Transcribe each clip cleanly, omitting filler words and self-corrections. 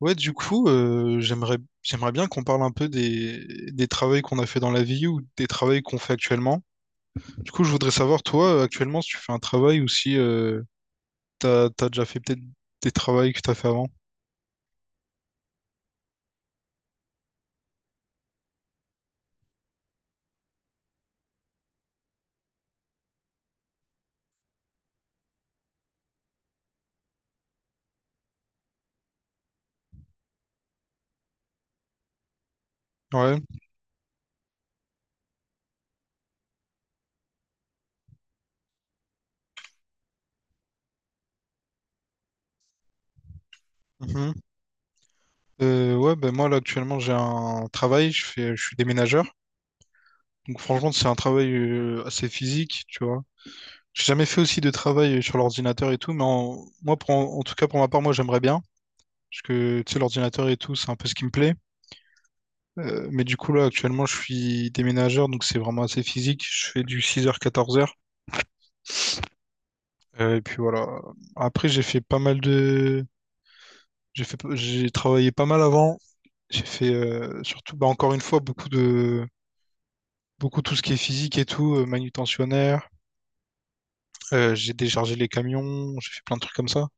Ouais, du coup, j'aimerais bien qu'on parle un peu des travails qu'on a fait dans la vie ou des travails qu'on fait actuellement. Du coup, je voudrais savoir, toi, actuellement, si tu fais un travail ou si t'as déjà fait peut-être des travails que t'as fait avant. Ouais. Mhm. Ouais, ben moi, là, actuellement, j'ai un travail, je suis déménageur. Donc, franchement, c'est un travail assez physique, tu vois. J'ai jamais fait aussi de travail sur l'ordinateur et tout, mais moi, en tout cas, pour ma part, moi, j'aimerais bien. Parce que, tu sais, l'ordinateur et tout, c'est un peu ce qui me plaît. Mais du coup, là, actuellement, je suis déménageur, donc c'est vraiment assez physique. Je fais du 6 h-14 h. Et puis voilà. Après, j'ai fait pas mal de... J'ai fait... j'ai travaillé pas mal avant. J'ai fait surtout, bah, encore une fois, beaucoup tout ce qui est physique et tout, manutentionnaire. J'ai déchargé les camions, j'ai fait plein de trucs comme ça.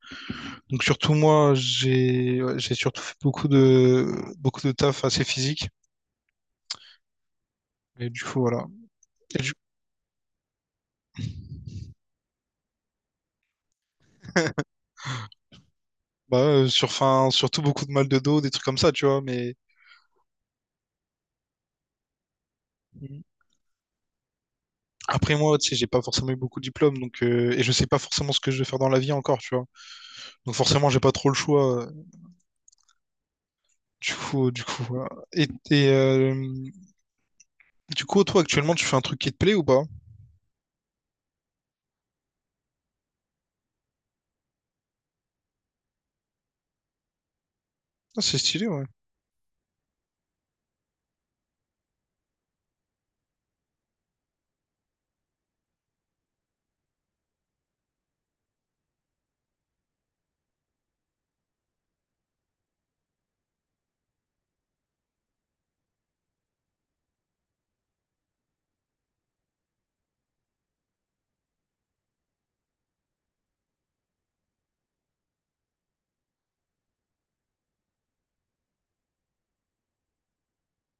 Donc surtout moi, j'ai ouais, j'ai surtout fait beaucoup de taf assez physique. Et du coup voilà. Et bah, enfin, surtout beaucoup de mal de dos, des trucs comme ça, tu vois. Mais après moi, tu sais, j'ai pas forcément eu beaucoup de diplômes, donc et je sais pas forcément ce que je vais faire dans la vie encore, tu vois. Donc forcément, j'ai pas trop le choix. Du coup, voilà. Du coup, toi actuellement, tu fais un truc qui te plaît ou pas? Ah, c'est stylé, ouais.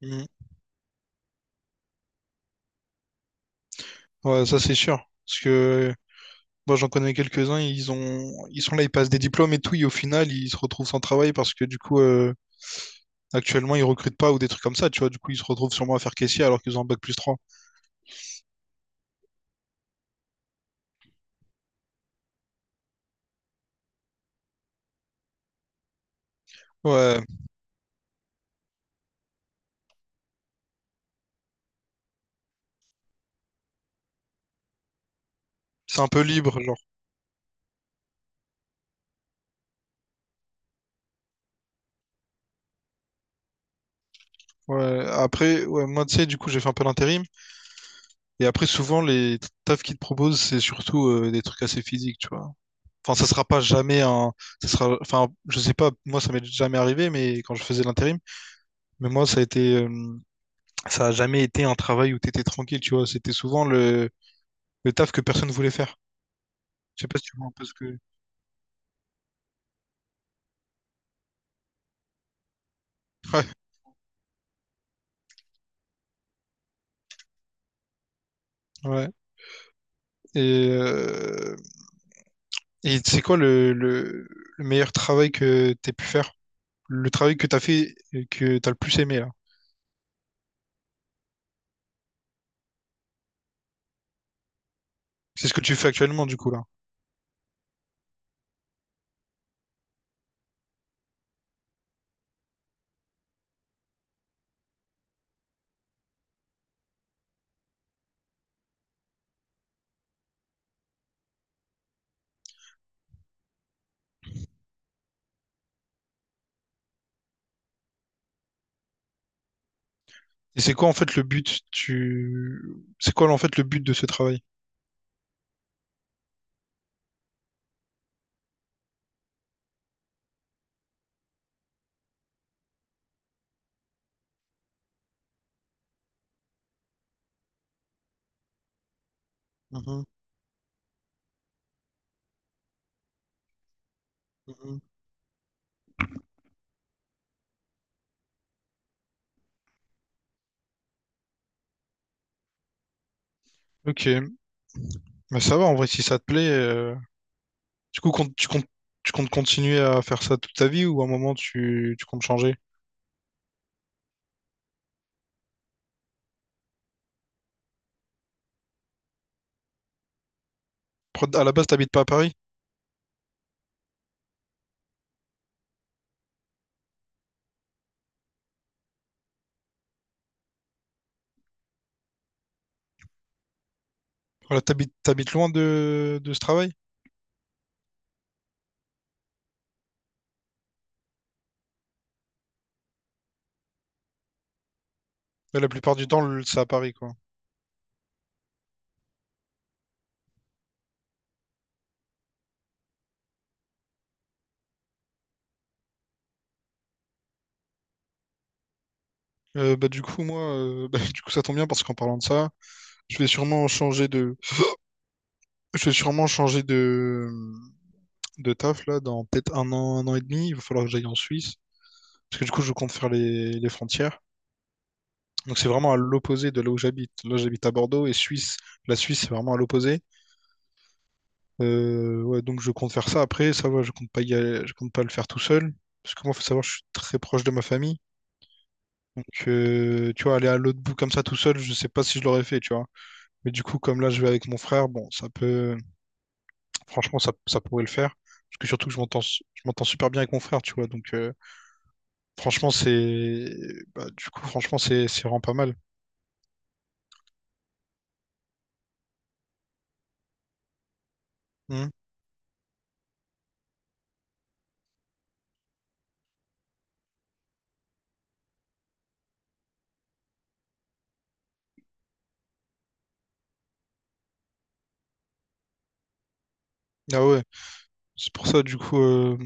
Mhm. Ouais, ça c'est sûr, parce que moi j'en connais quelques-uns, ils sont là, ils passent des diplômes et tout, et au final, ils se retrouvent sans travail parce que du coup, actuellement, ils recrutent pas ou des trucs comme ça, tu vois. Du coup, ils se retrouvent sûrement à faire caissier alors qu'ils ont un bac plus trois. Ouais, c'est un peu libre, genre. Ouais. Après, ouais, moi, tu sais, du coup, j'ai fait un peu l'intérim. Et après, souvent, les tafs qu'ils te proposent, c'est surtout des trucs assez physiques, tu vois. Enfin, ça sera pas jamais un. Ça sera... Enfin, je sais pas, moi, ça m'est jamais arrivé, mais quand je faisais l'intérim, mais moi, ça a été. Ça a jamais été un travail où t'étais tranquille, tu vois. C'était souvent le taf que personne voulait faire. Je sais pas si tu vois un peu ce que. Ouais, ouais. Et, euh... Et c'est quoi le meilleur travail que t'aies pu faire? Le travail que t'as fait et que t'as le plus aimé, là. C'est ce que tu fais actuellement, du coup, là. Et c'est quoi en fait le but tu... C'est quoi en fait le but de ce travail? Mhm, mhm. Ok, bah ça va en vrai si ça te plaît. Du coup, tu comptes continuer à faire ça toute ta vie ou à un moment tu comptes changer? À la base, t'habites pas à Paris? Voilà, t'habites loin de ce travail? Ouais, la plupart du temps, c'est à Paris, quoi. Bah, du coup, moi, bah, du coup, ça tombe bien parce qu'en parlant de ça, je vais sûrement changer de, je vais sûrement changer de taf là dans peut-être un an et demi. Il va falloir que j'aille en Suisse parce que du coup, je compte faire les frontières. Donc, c'est vraiment à l'opposé de là où j'habite. Là, j'habite à Bordeaux et Suisse, la Suisse, c'est vraiment à l'opposé. Ouais, donc, je compte faire ça après. Ça va, je compte pas le faire tout seul parce que moi, faut savoir, je suis très proche de ma famille. Donc, tu vois, aller à l'autre bout comme ça tout seul, je sais pas si je l'aurais fait, tu vois. Mais du coup, comme là, je vais avec mon frère, bon, franchement, ça pourrait le faire. Parce que surtout que je m'entends super bien avec mon frère, tu vois. Donc, franchement, bah, du coup, franchement, c'est vraiment pas mal. Hmm. Ah ouais, c'est pour ça, du coup,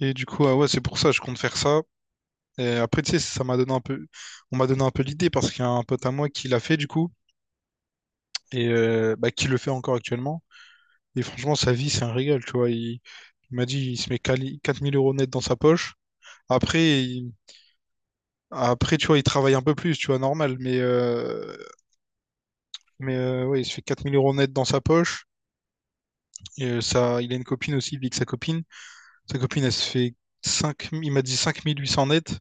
et du coup, ah ouais, c'est pour ça, je compte faire ça. Et après, tu sais, ça m'a donné un peu, on m'a donné un peu l'idée parce qu'il y a un pote à moi qui l'a fait, du coup, et bah, qui le fait encore actuellement. Et franchement, sa vie, c'est un régal, tu vois. Il m'a dit, il se met 4 000 euros net dans sa poche. Après, il Après, tu vois, il travaille un peu plus, tu vois, normal, ouais, il se fait 4 000 euros net dans sa poche. Et ça, il a une copine aussi, il vit avec sa copine. Sa copine, elle se fait il m'a dit 5 800 net.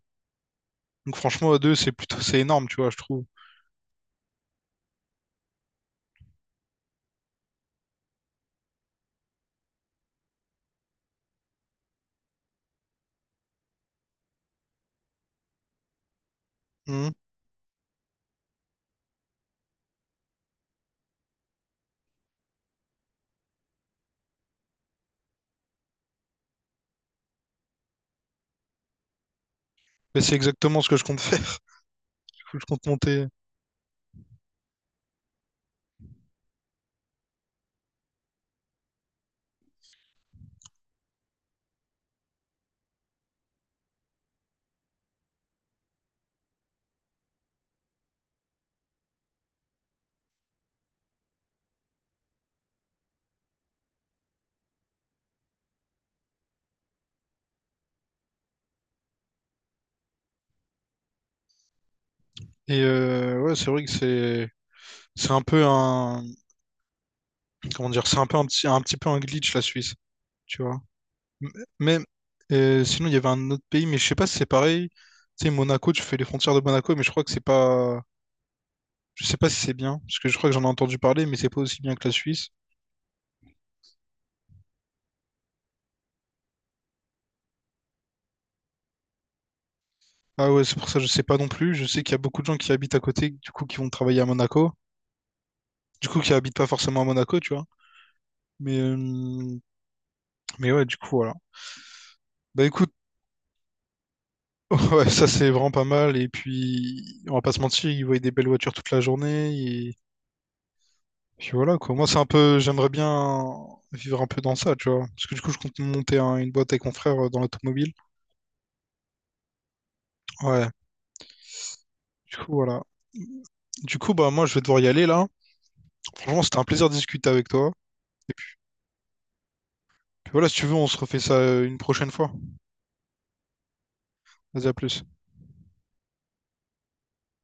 Donc franchement, à deux, c'est énorme, tu vois, je trouve. Mhm. Mais c'est exactement ce que je compte faire. Du coup, je compte monter. Et ouais, c'est vrai que c'est un peu un comment dire, c'est un peu un petit peu un glitch la Suisse, tu vois. M- Mais sinon il y avait un autre pays, mais je sais pas si c'est pareil. Tu sais Monaco, tu fais les frontières de Monaco, mais je crois que c'est pas, je sais pas si c'est bien, parce que je crois que j'en ai entendu parler, mais c'est pas aussi bien que la Suisse. Ah ouais, c'est pour ça que je sais pas non plus. Je sais qu'il y a beaucoup de gens qui habitent à côté, du coup qui vont travailler à Monaco, du coup qui habitent pas forcément à Monaco, tu vois. Mais euh, mais ouais, du coup voilà. Bah écoute. Ouais, ça c'est vraiment pas mal. Et puis, on va pas se mentir, ils voyaient des belles voitures toute la journée. Et puis voilà, quoi. Moi, j'aimerais bien vivre un peu dans ça, tu vois. Parce que du coup, je compte monter une boîte avec mon frère dans l'automobile. Ouais, du coup, voilà. Du coup, bah, moi, je vais devoir y aller là. Franchement, c'était un plaisir de discuter avec toi. Et puis, voilà, si tu veux, on se refait ça une prochaine fois. Vas-y, à plus.